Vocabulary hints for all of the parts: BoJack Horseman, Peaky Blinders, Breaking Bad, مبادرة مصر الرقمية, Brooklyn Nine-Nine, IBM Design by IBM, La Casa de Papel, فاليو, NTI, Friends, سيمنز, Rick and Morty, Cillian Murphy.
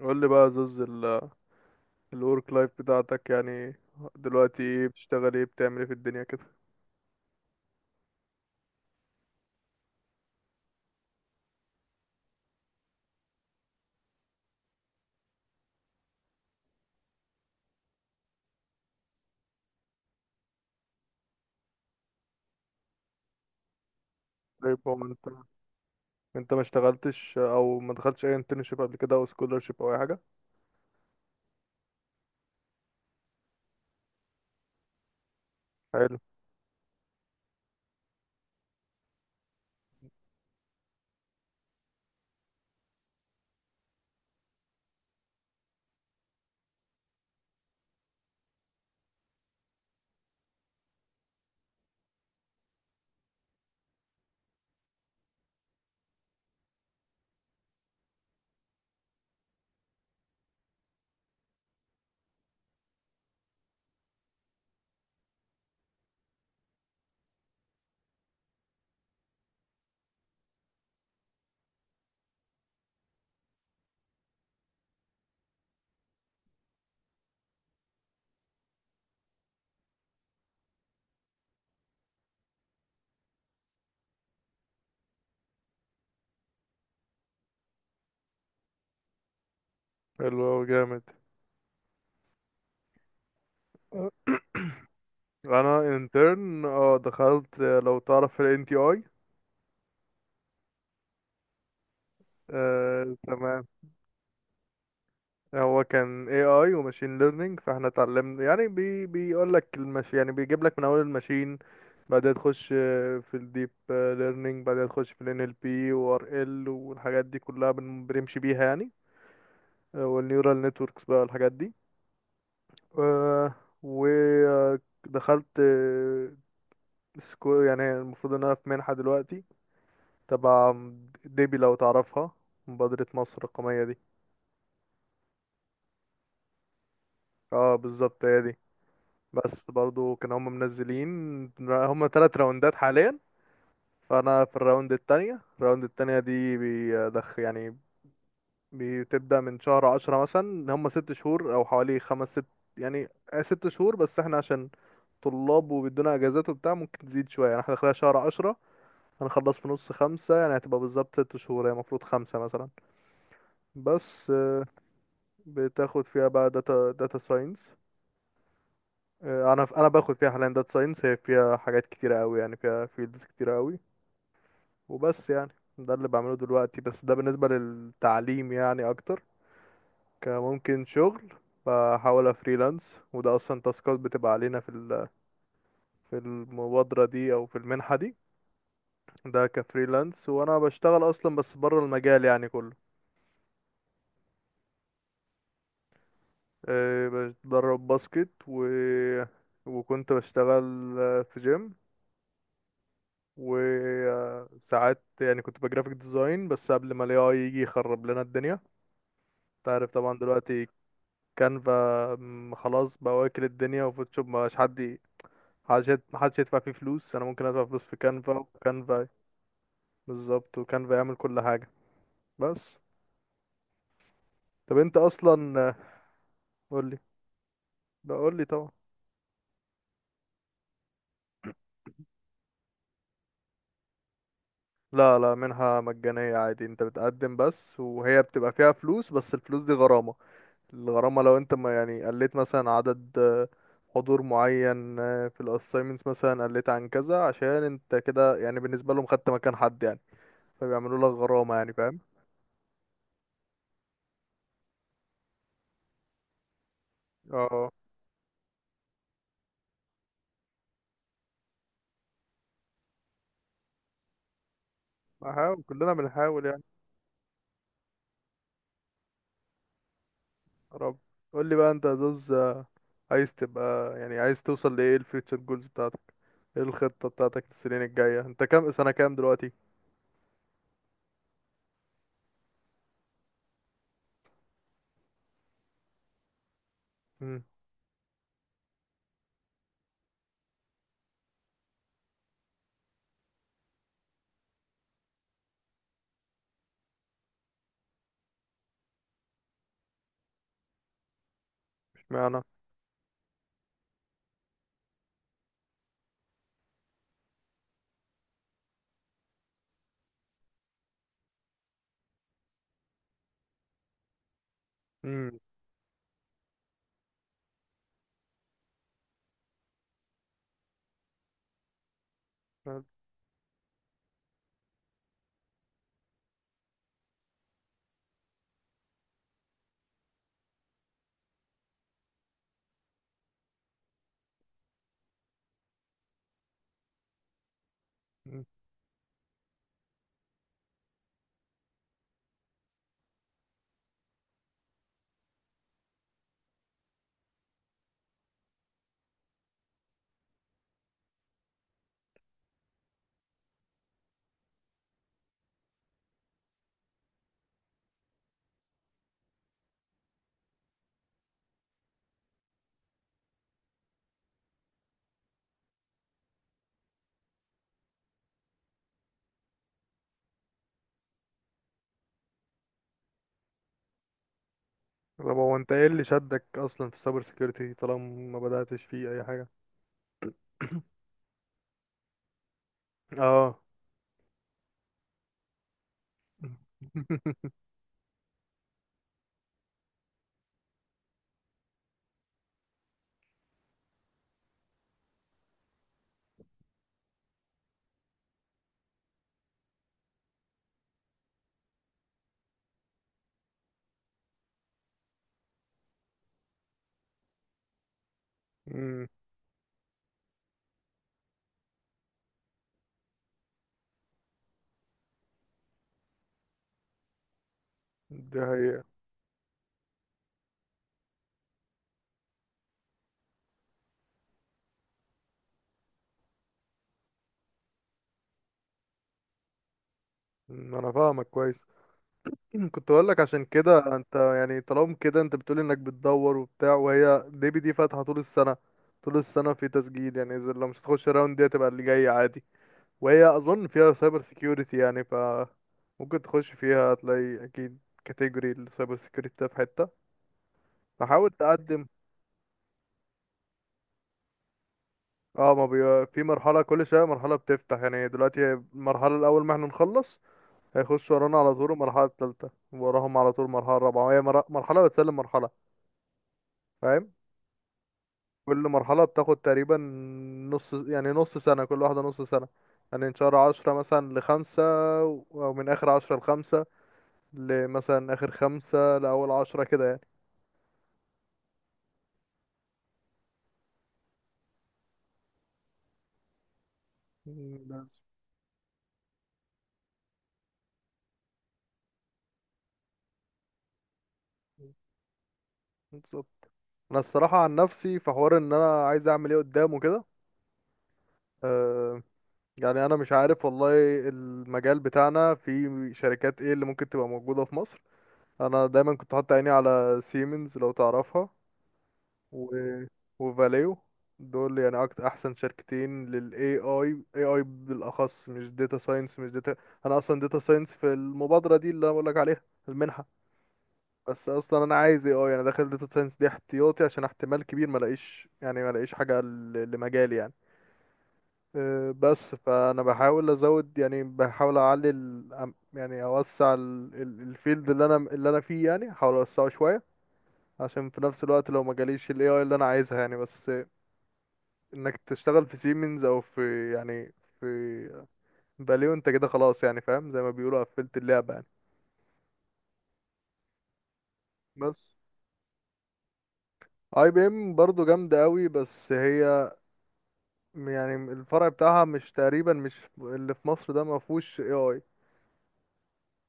قول لي بقى يا زوز الورك لايف بتاعتك، يعني دلوقتي ايه بتشتغل، ايه بتعمل، ايه في الدنيا كده؟ طيب هو انت ما اشتغلتش او ما دخلتش اي انترنشيب قبل كده او سكولرشيب او اي حاجه؟ حلو. حلو أوي، جامد. انا انترن دخلت، لو تعرف ال NTI. آه تمام. هو كان AI وماشين ليرنينج، فاحنا اتعلمنا يعني بيقول لك المش، يعني بيجيب لك من اول الماشين، بعدها تخش في الديب ليرنينج، بعدها تخش في الان ال NLP و RL والحاجات دي كلها بنمشي بيها يعني. والنيورال نتوركس بقى والحاجات دي. آه، ودخلت آه، سكو يعني المفروض ان انا في منحة دلوقتي، تبع ديبي لو تعرفها، مبادرة مصر الرقمية دي. اه، بالظبط هي دي. بس برضو كانوا هم منزلين، هم 3 راوندات حاليا، فانا في الراوند التانية. الراوند التانية دي يعني بتبدأ من شهر 10 مثلا، هم 6 شهور او حوالي خمس ست يعني، 6 شهور. بس احنا عشان طلاب وبيدونا اجازات وبتاع ممكن تزيد شوية، يعني احنا داخلها شهر 10، هنخلص في نص 5، يعني هتبقى بالظبط 6 شهور، هي المفروض خمسة مثلا، بس. بتاخد فيها بقى داتا ساينس. انا باخد فيها حاليا داتا ساينس، هي فيها حاجات كتيره قوي، يعني فيها فيلدز كتيره قوي، وبس يعني. ده اللي بعمله دلوقتي، بس ده بالنسبه للتعليم يعني اكتر، كممكن شغل. بحاول افريلانس، وده اصلا تاسكات بتبقى علينا في المبادره دي او في المنحه دي. ده كفريلانس، وانا بشتغل اصلا بس بره المجال يعني كله. بتدرب باسكت، و وكنت بشتغل في جيم، وساعات يعني كنت بجرافيك ديزاين، بس قبل ما الاي اي يجي يخرب لنا الدنيا، انت عارف طبعا دلوقتي كانفا. خلاص بقى، واكل الدنيا وفوتوشوب، ما بقاش محدش يدفع فيه فلوس. انا ممكن ادفع فلوس في كانفا، وكانفا بالظبط، وكانفا يعمل كل حاجة. بس، طب انت اصلا قول لي. لا، قول لي طبعا. لا لا، منها مجانية عادي، انت بتقدم بس، وهي بتبقى فيها فلوس، بس الفلوس دي غرامة. الغرامة لو انت ما يعني قلت مثلا عدد، حضور معين، في الاساينمنتس مثلا قلت عن كذا، عشان انت كده يعني بالنسبة لهم خدت مكان حد يعني، فبيعملوا لك غرامة يعني، فاهم. اه، بحاول، كلنا بنحاول يعني. يا رب. قول لي بقى انت يا زوز، عايز تبقى يعني عايز توصل لايه؟ الفيوتشر جولز بتاعتك، ايه الخطة بتاعتك السنين الجاية؟ انت كام سنة، كام دلوقتي؟ امم. اشمعنى؟ امم. طب هو انت ايه اللي شدك اصلا في السايبر سيكيورتي طالما ما بدأتش فيه اي حاجة؟ اه. مم. دي حقيقة. انا فاهمك كويس. كنت اقول لك عشان كده انت، يعني طالما كده انت بتقول انك بتدور وبتاع، وهي ديبي دي فاتحة طول السنة، طول السنة في تسجيل، يعني اذا لو مش هتخش الراوند دي هتبقى اللي جاي عادي. وهي اظن فيها سايبر سيكيورتي يعني، ف ممكن تخش فيها، هتلاقي اكيد كاتيجوري السايبر سيكيورتي ده في حتة، فحاول تقدم. اه، ما بي... في مرحلة، كل شوية مرحلة بتفتح، يعني دلوقتي المرحلة الأول ما احنا نخلص هيخش ورانا على طول المرحلة التالتة، وراهم على طول المرحلة الرابعة، وهي مرحلة بتسلم مرحلة، فاهم. كل مرحلة بتاخد تقريبا نص، يعني نص سنة، كل واحدة نص سنة، يعني من شهر 10 مثلا لخمسة، أو من آخر 10 لخمسة، لمثلا آخر 5 لأول 10 كده يعني. مم، بس. بالظبط. أنا الصراحة عن نفسي في حوار إن أنا عايز أعمل إيه قدام وكده. أه، يعني أنا مش عارف والله، المجال بتاعنا في شركات إيه اللي ممكن تبقى موجودة في مصر. انا دايما كنت حاطط عيني على سيمنز لو تعرفها، و... وفاليو، دول يعني اكتر احسن شركتين للاي اي بالاخص، مش داتا ساينس، مش داتا. انا اصلا داتا ساينس في المبادره دي اللي انا بقول لك عليها، المنحه، بس اصلا انا عايز AI، انا داخل داتا ساينس دي احتياطي عشان احتمال كبير ما الاقيش، يعني ما الاقيش حاجه لمجالي يعني. بس فانا بحاول ازود، يعني بحاول اعلي يعني اوسع الفيلد اللي انا فيه، يعني احاول اوسعه شويه، عشان في نفس الوقت لو ما جاليش ال AI اللي انا عايزها يعني. بس انك تشتغل في سيمنز، او في يعني في فاليو، انت كده خلاص يعني، فاهم، زي ما بيقولوا قفلت اللعبة يعني. بس IBM برضه جامدة قوي، بس هي يعني الفرع بتاعها مش تقريبا، مش اللي في مصر ده ما فيهوش AI،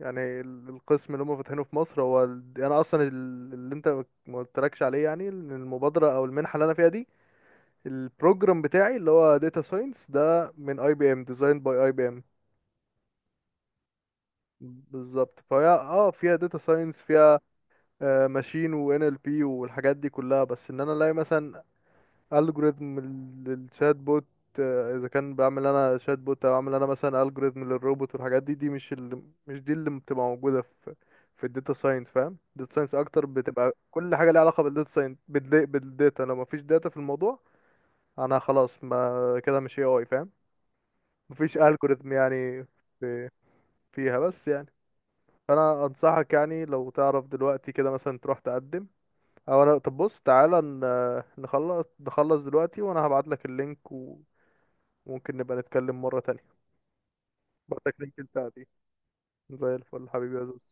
يعني القسم اللي هم فاتحينه في مصر هو يعني انا اصلا اللي انت ما قلتلكش عليه، يعني إن المبادرة او المنحة اللي انا فيها دي، البروجرام بتاعي اللي هو داتا ساينس ده من IBM، ديزاين باي IBM. بالظبط، فهي اه فيها داتا ساينس، فيها ماشين وان ال بي والحاجات دي كلها، بس ان انا الاقي مثلا الجوريزم للشات بوت، اذا كان بعمل انا شات بوت او اعمل انا مثلا الجوريزم للروبوت والحاجات دي، مش دي اللي بتبقى موجوده في الداتا ساينس، فاهم. الداتا ساينس اكتر بتبقى كل حاجه ليها علاقه بالداتا ساينس، بالداتا، لو مفيش داتا في الموضوع انا خلاص، ما كده مش AI فاهم، مفيش الجوريزم يعني. في، فيها بس يعني. فانا انصحك يعني لو تعرف دلوقتي كده مثلا تروح تقدم، او انا طب بص تعالى نخلص دلوقتي، وانا هبعت لك اللينك، وممكن نبقى نتكلم مرة تانية. بعت لك لينك التقديم. زي الفل حبيبي يا زوز.